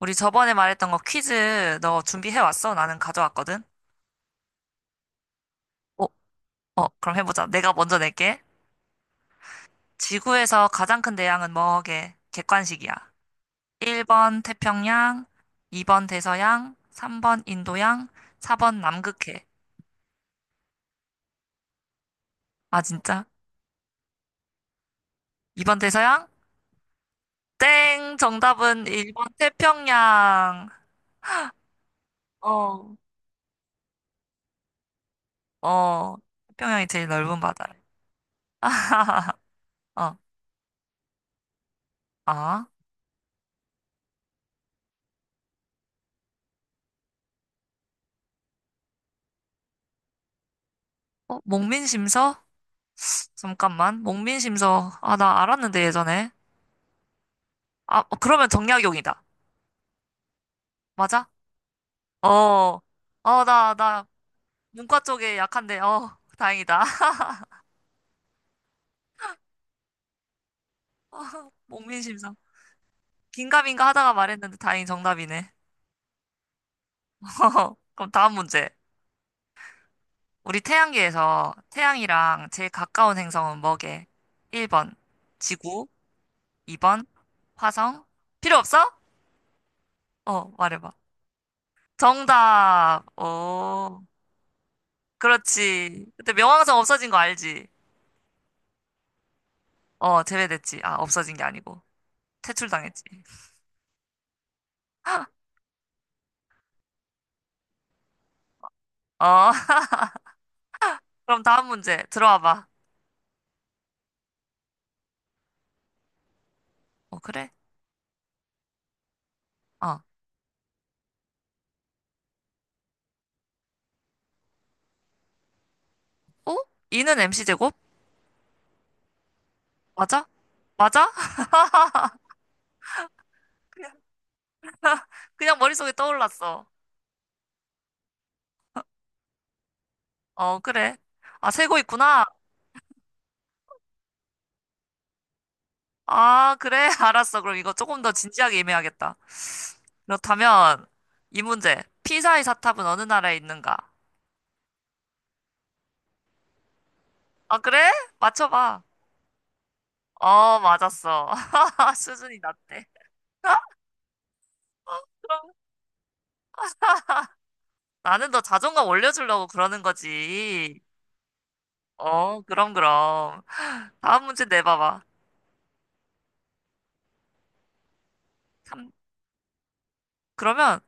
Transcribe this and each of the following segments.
우리 저번에 말했던 거 퀴즈 너 준비해 왔어? 나는 가져왔거든. 어, 어, 그럼 해보자. 내가 먼저 낼게. 지구에서 가장 큰 대양은 뭐게? 객관식이야. 1번 태평양, 2번 대서양, 3번 인도양, 4번 남극해. 아, 진짜? 2번 대서양? 땡! 정답은 1번 태평양. 어, 어, 태평양이 제일 넓은 바다래. 어, 아, 어, 목민심서? 잠깐만. 목민심서. 아, 나 알았는데, 예전에. 아, 어, 그러면 정약용이다. 맞아? 어. 어, 나, 문과 쪽에 약한데, 어, 다행이다. 어, 목민심서. 긴가민가 하다가 말했는데 다행히 정답이네. 그럼 다음 문제. 우리 태양계에서 태양이랑 제일 가까운 행성은 뭐게? 1번, 지구. 2번, 화성. 필요 없어? 어, 말해봐. 정답. 오, 그렇지. 그때 명왕성 없어진 거 알지? 어, 제외됐지. 아, 없어진 게 아니고. 퇴출당했지. 어, 그럼 다음 문제 들어와 봐. 어, 그래? 어. 어? 이는 MC 제곱? 맞아? 맞아? 그냥 머릿속에 떠올랐어. 어, 그래. 아, 세고 있구나. 아, 그래. 알았어. 그럼 이거 조금 더 진지하게 임해야겠다. 그렇다면, 이 문제. 피사의 사탑은 어느 나라에 있는가? 아, 그래? 맞춰봐. 어, 맞았어. 수준이 낮대. 그럼 나는 너 자존감 올려주려고 그러는 거지. 어, 그럼, 그럼. 다음 문제 내봐봐. 삼- 그러면,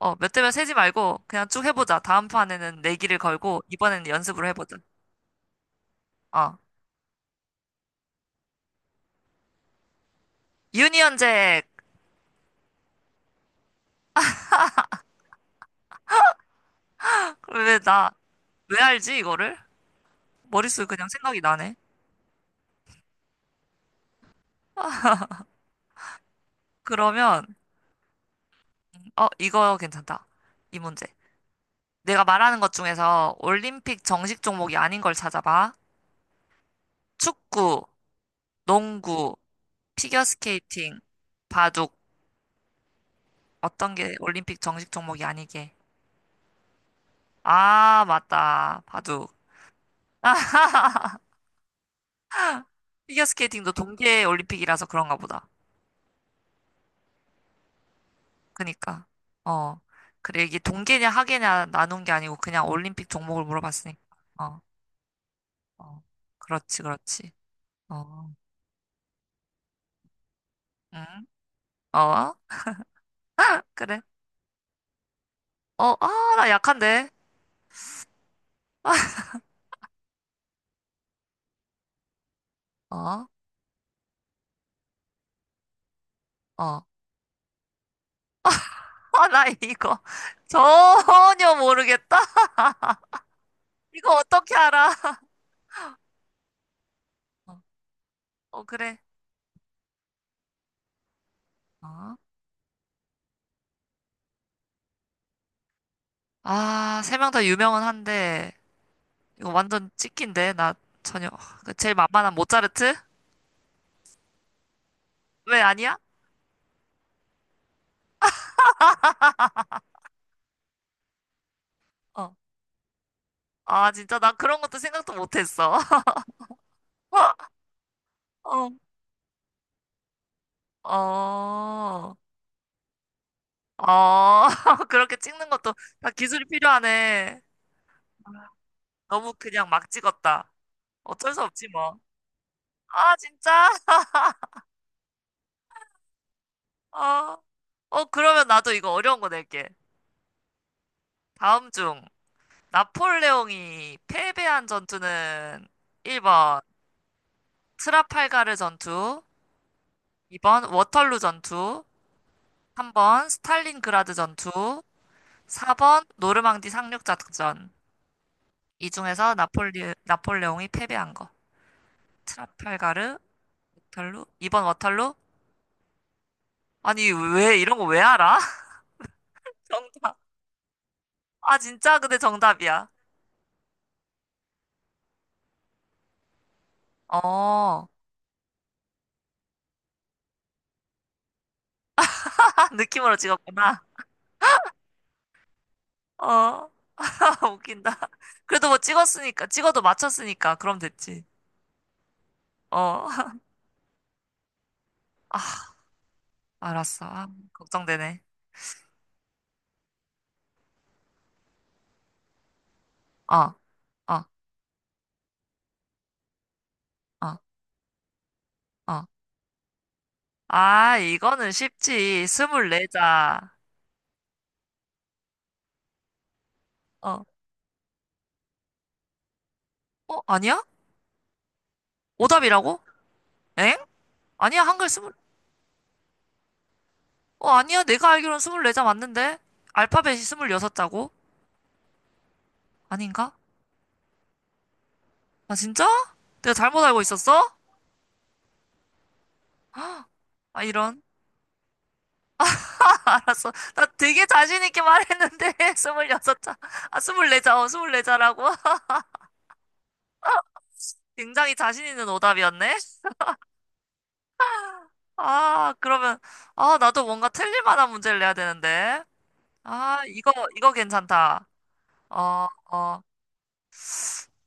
어, 몇 대면 세지 말고, 그냥 쭉 해보자. 다음 판에는 내기를 걸고, 이번에는 연습으로 해보자. 어. 유니언잭! 왜 나, 왜 알지, 이거를? 머릿속에 그냥 생각이 나네. 그러면, 어, 이거 괜찮다. 이 문제. 내가 말하는 것 중에서 올림픽 정식 종목이 아닌 걸 찾아봐. 축구, 농구, 피겨스케이팅, 바둑. 어떤 게 올림픽 정식 종목이 아니게? 아, 맞다. 바둑. 피겨스케이팅도 동계 올림픽이라서 그런가 보다. 그니까. 어. 그래, 이게 동계냐 하계냐 나눈 게 아니고 그냥 올림픽 종목을 물어봤으니까. 어, 어. 그렇지, 그렇지. 어, 응? 어? 그래. 어, 아, 나 약한데. 어, 어. 아, 나 이거 전혀 모르겠다. 이거 어떻게 알아? 어, 어, 그래. 어. 아, 3명 다 유명은 한데. 이거 완전 찍힌데 나 전혀 그 제일 만만한 모차르트? 왜 아니야? 어. 아 진짜 나 그런 것도 생각도 못했어. 어. 어. 어. 그렇게 찍는 것도 다 기술이 필요하네. 너무 그냥 막 찍었다. 어쩔 수 없지 뭐. 아 진짜? 어. 어 그러면 나도 이거 어려운 거 낼게. 다음 중 나폴레옹이 패배한 전투는 1번 트라팔가르 전투, 2번 워털루 전투, 3번 스탈린그라드 전투, 4번 노르망디 상륙 작전. 이 중에서 나폴레옹이 패배한 거. 트라팔가르, 워털루, 2번 워털루? 아니, 왜, 이런 거 왜 알아? 정답. 아, 진짜? 근데 정답이야. 어, 아, 느낌으로 찍었구나. 어, 웃긴다. 그래도 뭐 찍었으니까, 찍어도 맞췄으니까, 그럼 됐지. 어, 아, 알았어. 아, 걱정되네. 어, 어, 어, 어. 아, 이거는 쉽지. 24자 어, 어, 아니야? 오답이라고? 엥? 아니야, 어, 아니야, 내가 알기로는 24자 맞는데? 알파벳이 스물여섯 자고? 아닌가? 아, 진짜? 내가 잘못 알고 있었어? 아, 이런. 알았어. 나 되게 자신있게 말했는데, 26자. 아, 스물네 자, 어, 스물네 자라고? 굉장히 자신있는 오답이었네? 아, 그러면, 아, 나도 뭔가 틀릴 만한 문제를 내야 되는데. 아, 이거 괜찮다. 어, 어.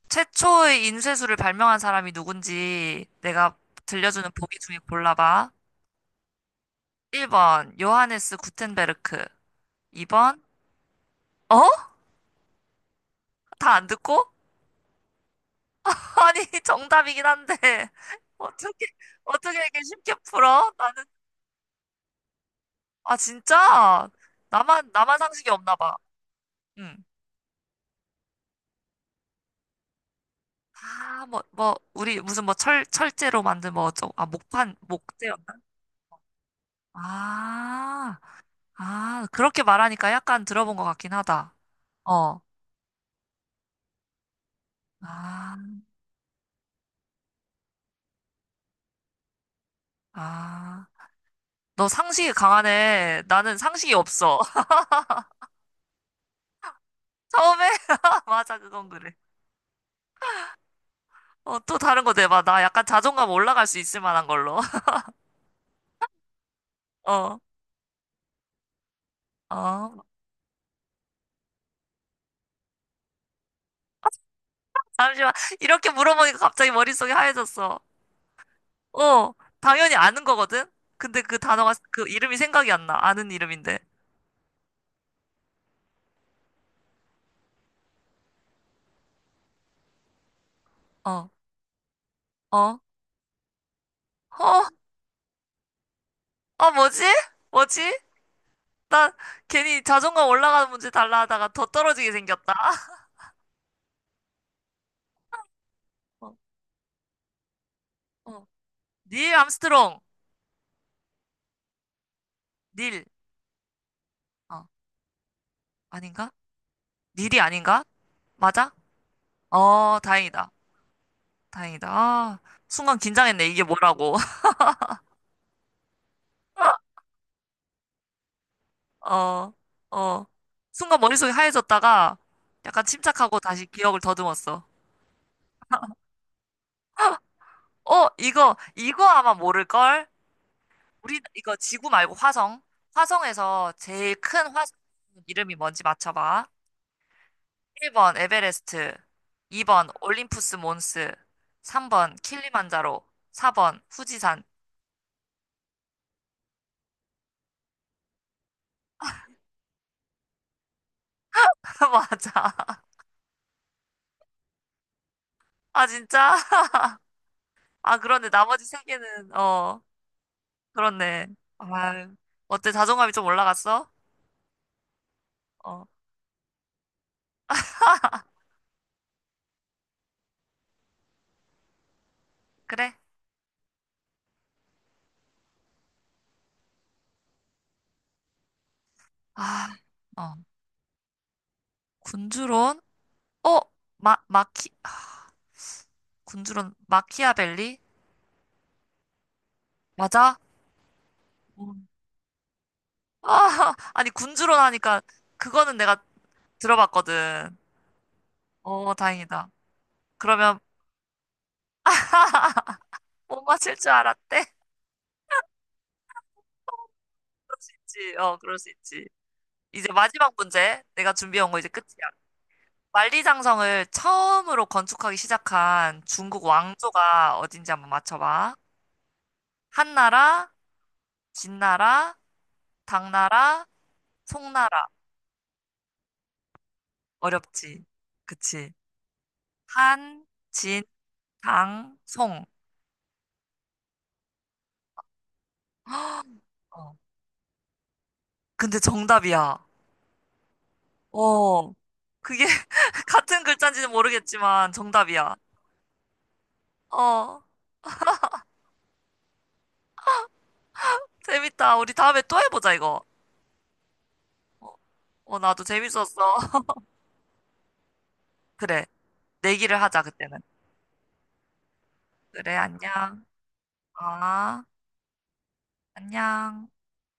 최초의 인쇄술을 발명한 사람이 누군지 내가 들려주는 보기 중에 골라봐. 1번, 요하네스 구텐베르크. 2번, 어? 다 안 듣고? 아니, 정답이긴 한데. 어떻게, 어떻게 이렇게 쉽게 풀어? 나는, 아, 진짜? 나만 상식이 없나 봐. 응. 아, 뭐, 우리 무슨 뭐 철제로 만든 뭐 어쩌고, 아, 목재였나? 아, 아, 그렇게 말하니까 약간 들어본 것 같긴 하다. 어. 아. 아, 너 상식이 강하네. 나는 상식이 없어. 처음에? 맞아, 그건 그래. 어, 또 다른 거 내봐. 나 약간 자존감 올라갈 수 있을 만한 걸로. 어, 어. 잠시만. 이렇게 물어보니까 갑자기 머릿속이 하얘졌어. 어, 당연히 아는 거거든? 근데 그 단어가, 그 이름이 생각이 안 나. 아는 이름인데. 어, 어, 어, 어, 뭐지? 뭐지? 나 괜히 자존감 올라가는 문제 달라 하다가 더 떨어지게 생겼다. 어, 어. 닐 암스트롱. 닐. 어, 아닌가? 니디 아닌가? 맞아? 어, 다행이다. 다행이다. 아, 순간 긴장했네. 이게 뭐라고. 어, 어. 순간 머릿속이 하얘졌다가 약간 침착하고 다시 기억을 더듬었어. 어, 이거 아마 모를걸? 이거 지구 말고 화성. 화성에서 제일 큰 화성 이름이 뭔지 맞춰봐. 1번 에베레스트, 2번 올림푸스 몬스, 3번 킬리만자로, 4번 후지산. 맞아. 아, 진짜? 아, 그런데 나머지 세 개는, 어, 그렇네. 아, 어때? 자존감이 좀 올라갔어? 어, 그래? 아, 어, 군주론? 어, 아, 군주론, 마키아벨리? 맞아? 음. 아, 아니, 군주론 하니까, 그거는 내가 들어봤거든. 어, 다행이다. 그러면 못 맞힐 줄 알았대? 그럴 수 있지. 어, 그럴 수 있지. 이제 마지막 문제. 내가 준비한 거 이제 끝이야. 만리장성을 처음으로 건축하기 시작한 중국 왕조가 어딘지 한번 맞춰봐. 한나라, 진나라, 당나라, 송나라. 어렵지? 그치? 한, 진, 당, 송. 어. 근데 정답이야. 어. 그게 같은 글자인지는 모르겠지만 정답이야. 어. 재밌다. 우리 다음에 또 해보자, 이거. 어, 어, 나도 재밌었어. 그래. 내기를 하자, 그때는. 그래, 안녕. 아, 안녕.